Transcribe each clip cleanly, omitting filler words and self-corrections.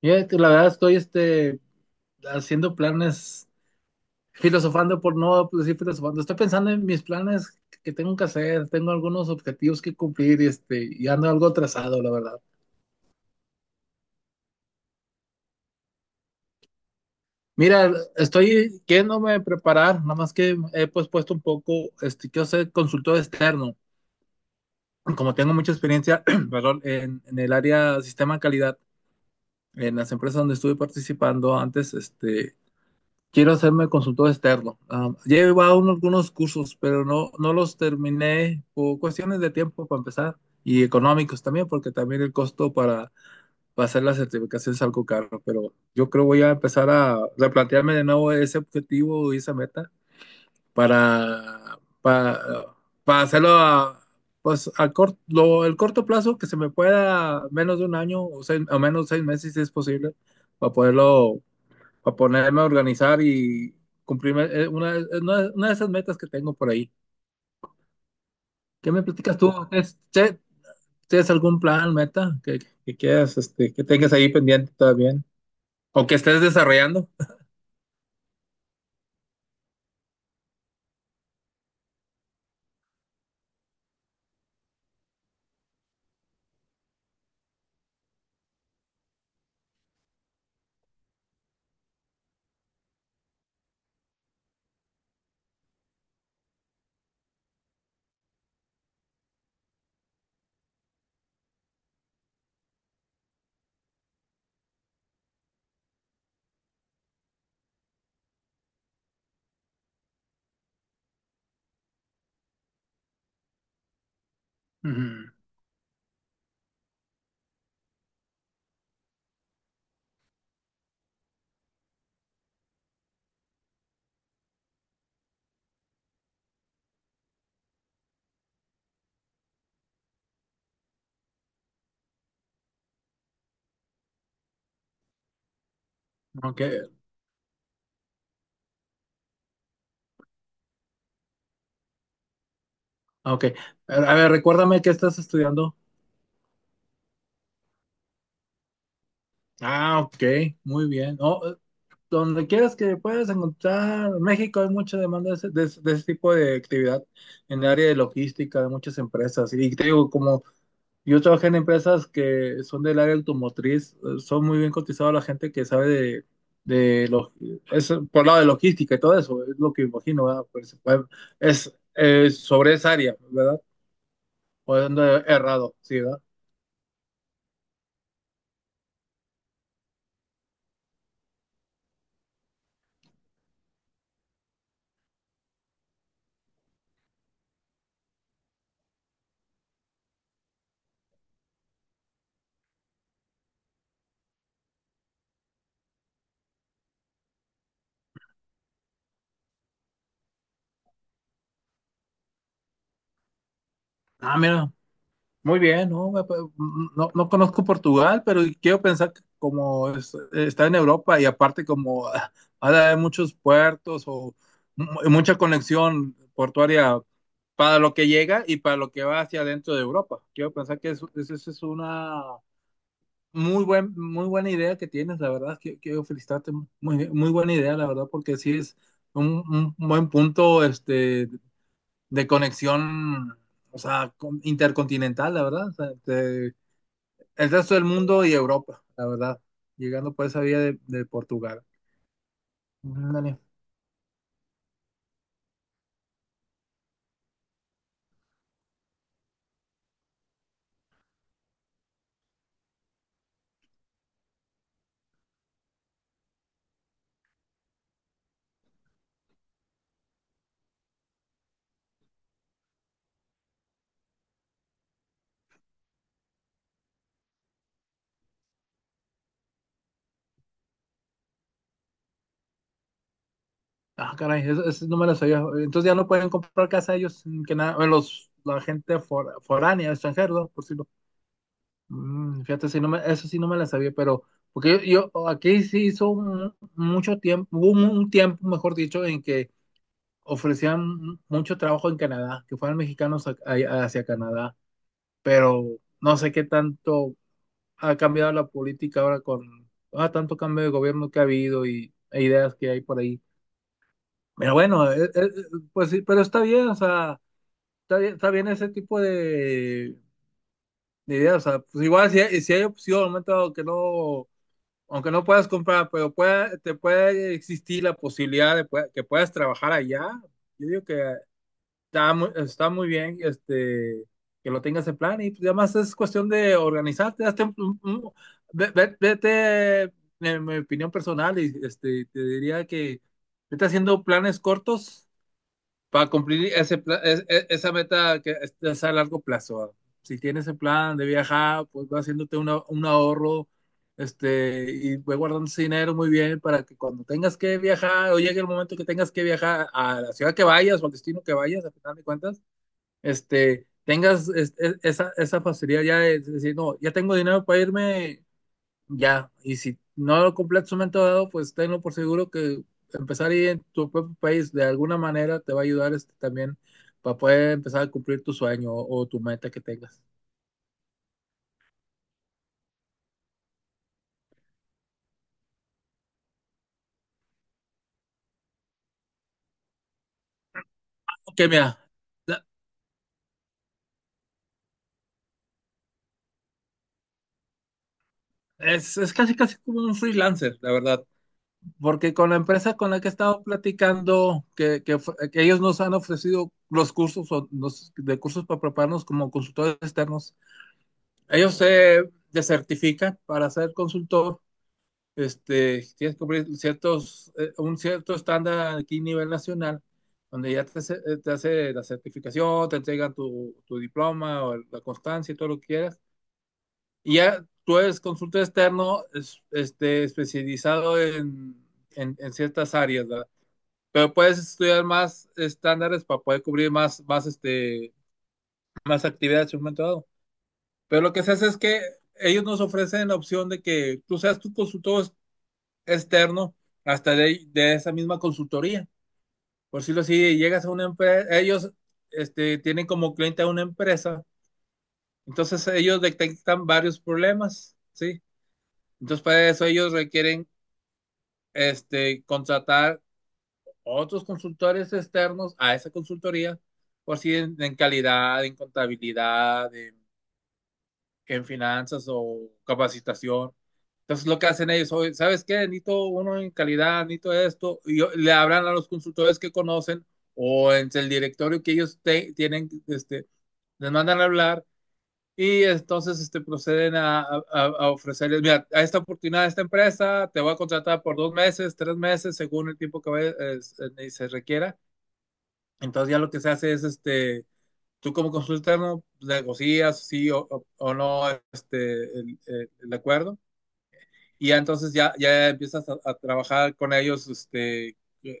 Fíjate, la verdad estoy haciendo planes, filosofando, por no, pues, decir filosofando. Estoy pensando en mis planes que tengo que hacer, tengo algunos objetivos que cumplir y ando algo atrasado, la verdad. Mira, estoy queriéndome preparar, nada más que he, pues, puesto un poco, quiero ser consultor externo. Como tengo mucha experiencia, perdón, en el área sistema de calidad, en las empresas donde estuve participando antes, quiero hacerme consultor externo. Ah, ya he llevado algunos cursos, pero no los terminé por cuestiones de tiempo para empezar y económicos también, porque también el costo para hacer la certificación es algo caro. Pero yo creo voy a empezar a replantearme de nuevo ese objetivo y esa meta para, para, para hacerlo a, pues, el corto plazo que se me pueda, menos de un año o o menos 6 meses si es posible, para poderlo para ponerme a organizar y cumplirme una de esas metas que tengo por ahí. ¿Qué me platicas tú? ¿Tienes algún plan, meta que quieras, que tengas ahí pendiente todavía? ¿O que estés desarrollando? Ujú. Ok, ok. A ver, recuérdame qué estás estudiando. Ah, ok, muy bien. No. Donde quieras que puedas encontrar, en México hay mucha demanda de ese, de ese tipo de actividad en el área de logística de muchas empresas. Y te digo, como yo trabajé en empresas que son del área automotriz, son muy bien cotizados la gente que sabe de lo- es por lado de logística y todo eso, es lo que imagino, ¿verdad? Pues, bueno, es sobre esa área, ¿verdad? O ando errado, sí, ¿verdad? Ah, mira, muy bien. No, no conozco Portugal, pero quiero pensar que como está en Europa, y aparte como, ha de haber muchos puertos o mucha conexión portuaria para lo que llega y para lo que va hacia adentro de Europa. Quiero pensar que eso es una muy buena idea que tienes, la verdad. Quiero felicitarte, muy, muy buena idea, la verdad, porque sí es un buen punto, de conexión, o sea, intercontinental, la verdad. O sea, el resto del mundo y Europa, la verdad. Llegando por esa vía de Portugal. Ándale. Ah, caray, eso no me lo sabía. Entonces ya no pueden comprar casa ellos, que nada, bueno, la gente foránea, extranjero, ¿no?, por si lo. Fíjate, eso sí no me la sabía, pero porque yo aquí sí hizo mucho tiempo, hubo un tiempo, mejor dicho, en que ofrecían mucho trabajo en Canadá, que fueran mexicanos hacia Canadá. Pero no sé qué tanto ha cambiado la política ahora con, tanto cambio de gobierno que ha habido e ideas que hay por ahí. Pero bueno, pues sí, pero está bien, o sea, está bien ese tipo de ideas. O sea, pues igual si hay opción, momento, aunque no puedas comprar, pero te puede existir la posibilidad de que puedas trabajar allá. Yo digo que está muy bien, que lo tengas en plan. Y pues, además es cuestión de organizarte. Hazte vete, en mi opinión personal, y te diría que vete haciendo planes cortos para cumplir ese, pla- es- esa meta que es a largo plazo. Si tienes el plan de viajar, pues va haciéndote un ahorro, y ve guardando ese dinero muy bien para que cuando tengas que viajar, o llegue el momento que tengas que viajar a la ciudad que vayas o al destino que vayas, a final de cuentas, tengas esa facilidad ya de decir, no, ya tengo dinero para irme, ya. Y si no lo completas en un momento dado, pues tenlo por seguro que empezar ahí en tu propio país de alguna manera te va a ayudar, también, para poder empezar a cumplir tu sueño o tu meta que tengas. Ok, mira, la- es, casi casi como un freelancer, la verdad, porque con la empresa con la que he estado platicando, que ellos nos han ofrecido los cursos o de cursos para prepararnos como consultores externos. Ellos se desertifican para ser consultor. Tienes que cumplir ciertos, un cierto estándar, aquí a nivel nacional, donde ya te hace la certificación, te entregan tu diploma o la constancia y todo lo que quieras. Y ya tú eres consultor externo, especializado en, en ciertas áreas, ¿verdad? Pero puedes estudiar más estándares para poder cubrir más actividades en un momento dado. Pero lo que se hace es que ellos nos ofrecen la opción de que tú seas tu consultor externo hasta de esa misma consultoría. Por decirlo así, llegas a una empresa, ellos, tienen como cliente a una empresa, entonces ellos detectan varios problemas, ¿sí? Entonces para eso ellos requieren, contratar otros consultores externos a esa consultoría, por si en, calidad, en contabilidad, en finanzas o capacitación. Entonces lo que hacen ellos hoy, ¿sabes qué? Necesito uno en calidad, necesito esto, le hablan a los consultores que conocen, o en el directorio que ellos tienen, les mandan a hablar. Y entonces, proceden a ofrecerles, mira, a esta oportunidad, a esta empresa, te voy a contratar por 2 meses, 3 meses, según el tiempo que se requiera. Entonces ya lo que se hace es, tú como consultano negocias sí o no, el acuerdo. Y ya, entonces ya empiezas a trabajar con ellos,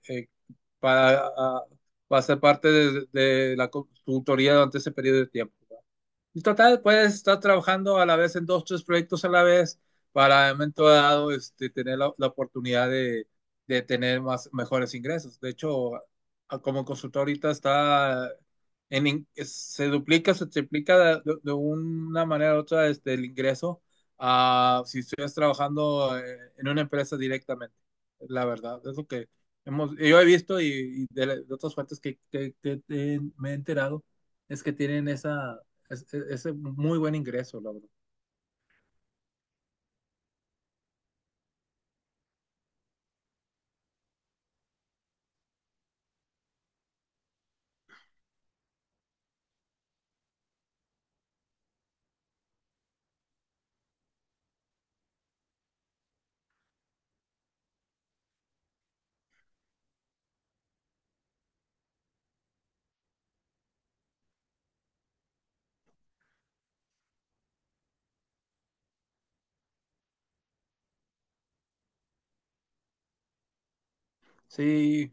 eh, para, a, para ser parte de la consultoría durante ese periodo de tiempo. Y total, puedes estar trabajando a la vez en dos, tres proyectos a la vez, para en un momento dado, tener la oportunidad de tener mejores ingresos. De hecho, como consultor ahorita se duplica, se triplica de una manera u otra, el ingreso, a si estuvieras trabajando, en una empresa directamente. La verdad, es lo que yo he visto, y de otras fuentes que, me he enterado, es que tienen esa, es muy buen ingreso, la verdad. Sí,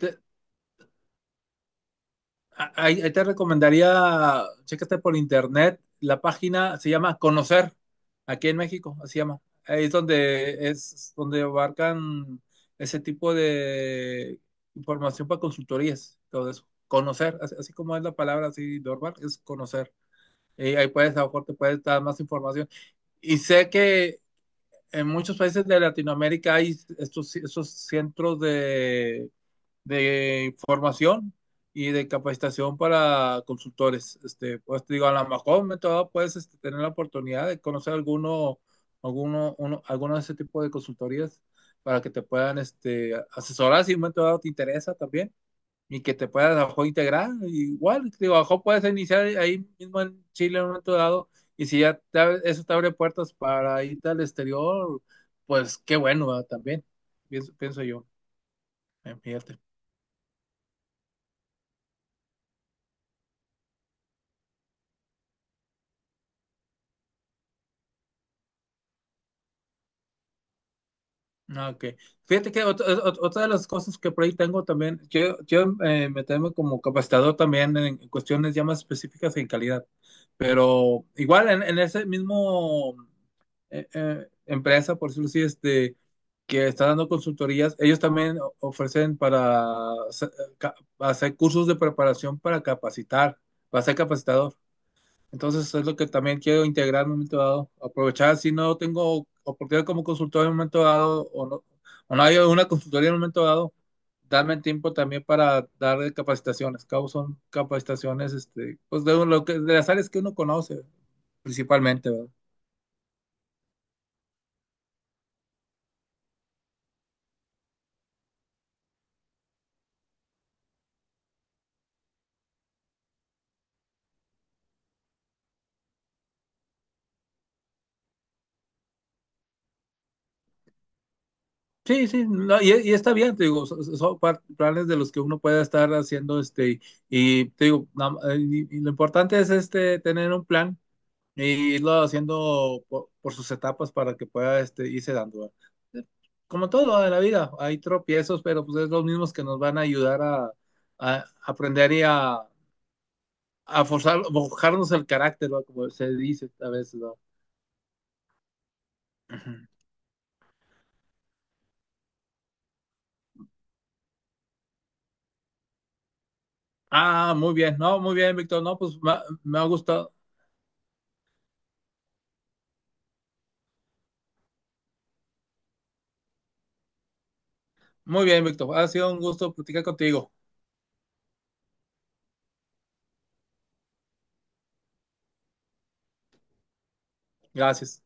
te, ahí te recomendaría, chécate por internet, la página se llama Conocer, aquí en México, así se llama. Ahí es donde, abarcan ese tipo de información para consultorías, todo eso. Conocer, así, así como es la palabra, así normal, es conocer. Y ahí a lo mejor te puedes dar más información. Y sé que en muchos países de Latinoamérica hay estos centros de formación y de capacitación para consultores. Pues te digo, a lo mejor me puedes, tener la oportunidad de conocer alguno de ese tipo de consultorías para que te puedan, asesorar si en un momento dado te interesa también, y que te puedas a lo mejor integrar. Igual, te digo, a lo mejor puedes iniciar ahí mismo en Chile en un momento dado, y si ya eso te abre puertas para irte al exterior, pues qué bueno, ¿verdad? También, pienso yo, fíjate. Ah, ok. Fíjate que otra de las cosas que por ahí tengo también, yo me tengo como capacitador también en cuestiones ya más específicas en calidad. Pero igual en ese mismo, empresa, por decirlo así, que está dando consultorías, ellos también ofrecen para hacer, cursos de preparación para capacitar, para ser capacitador. Entonces es lo que también quiero integrar en un momento dado. Aprovechar, si no tengo oportunidad como consultor en un momento dado, o no hay una consultoría en un momento dado, darme el tiempo también para dar capacitaciones. Cabo son capacitaciones, pues de las áreas que uno conoce, principalmente, ¿verdad? Sí, sí, no, y está bien, te digo, son, planes de los que uno puede estar haciendo, te digo, y lo importante es, tener un plan. Y irlo haciendo por sus etapas para que pueda, irse dando, ¿verdad? Como todo en la vida, hay tropiezos, pero pues es los mismos que nos van a ayudar a, aprender, y a forjarnos el carácter, ¿verdad? Como se dice a veces, ¿verdad? Ujú. Ah, muy bien, no, muy bien, Víctor, no, pues me ha gustado. Muy bien, Víctor, ha sido un gusto platicar contigo. Gracias.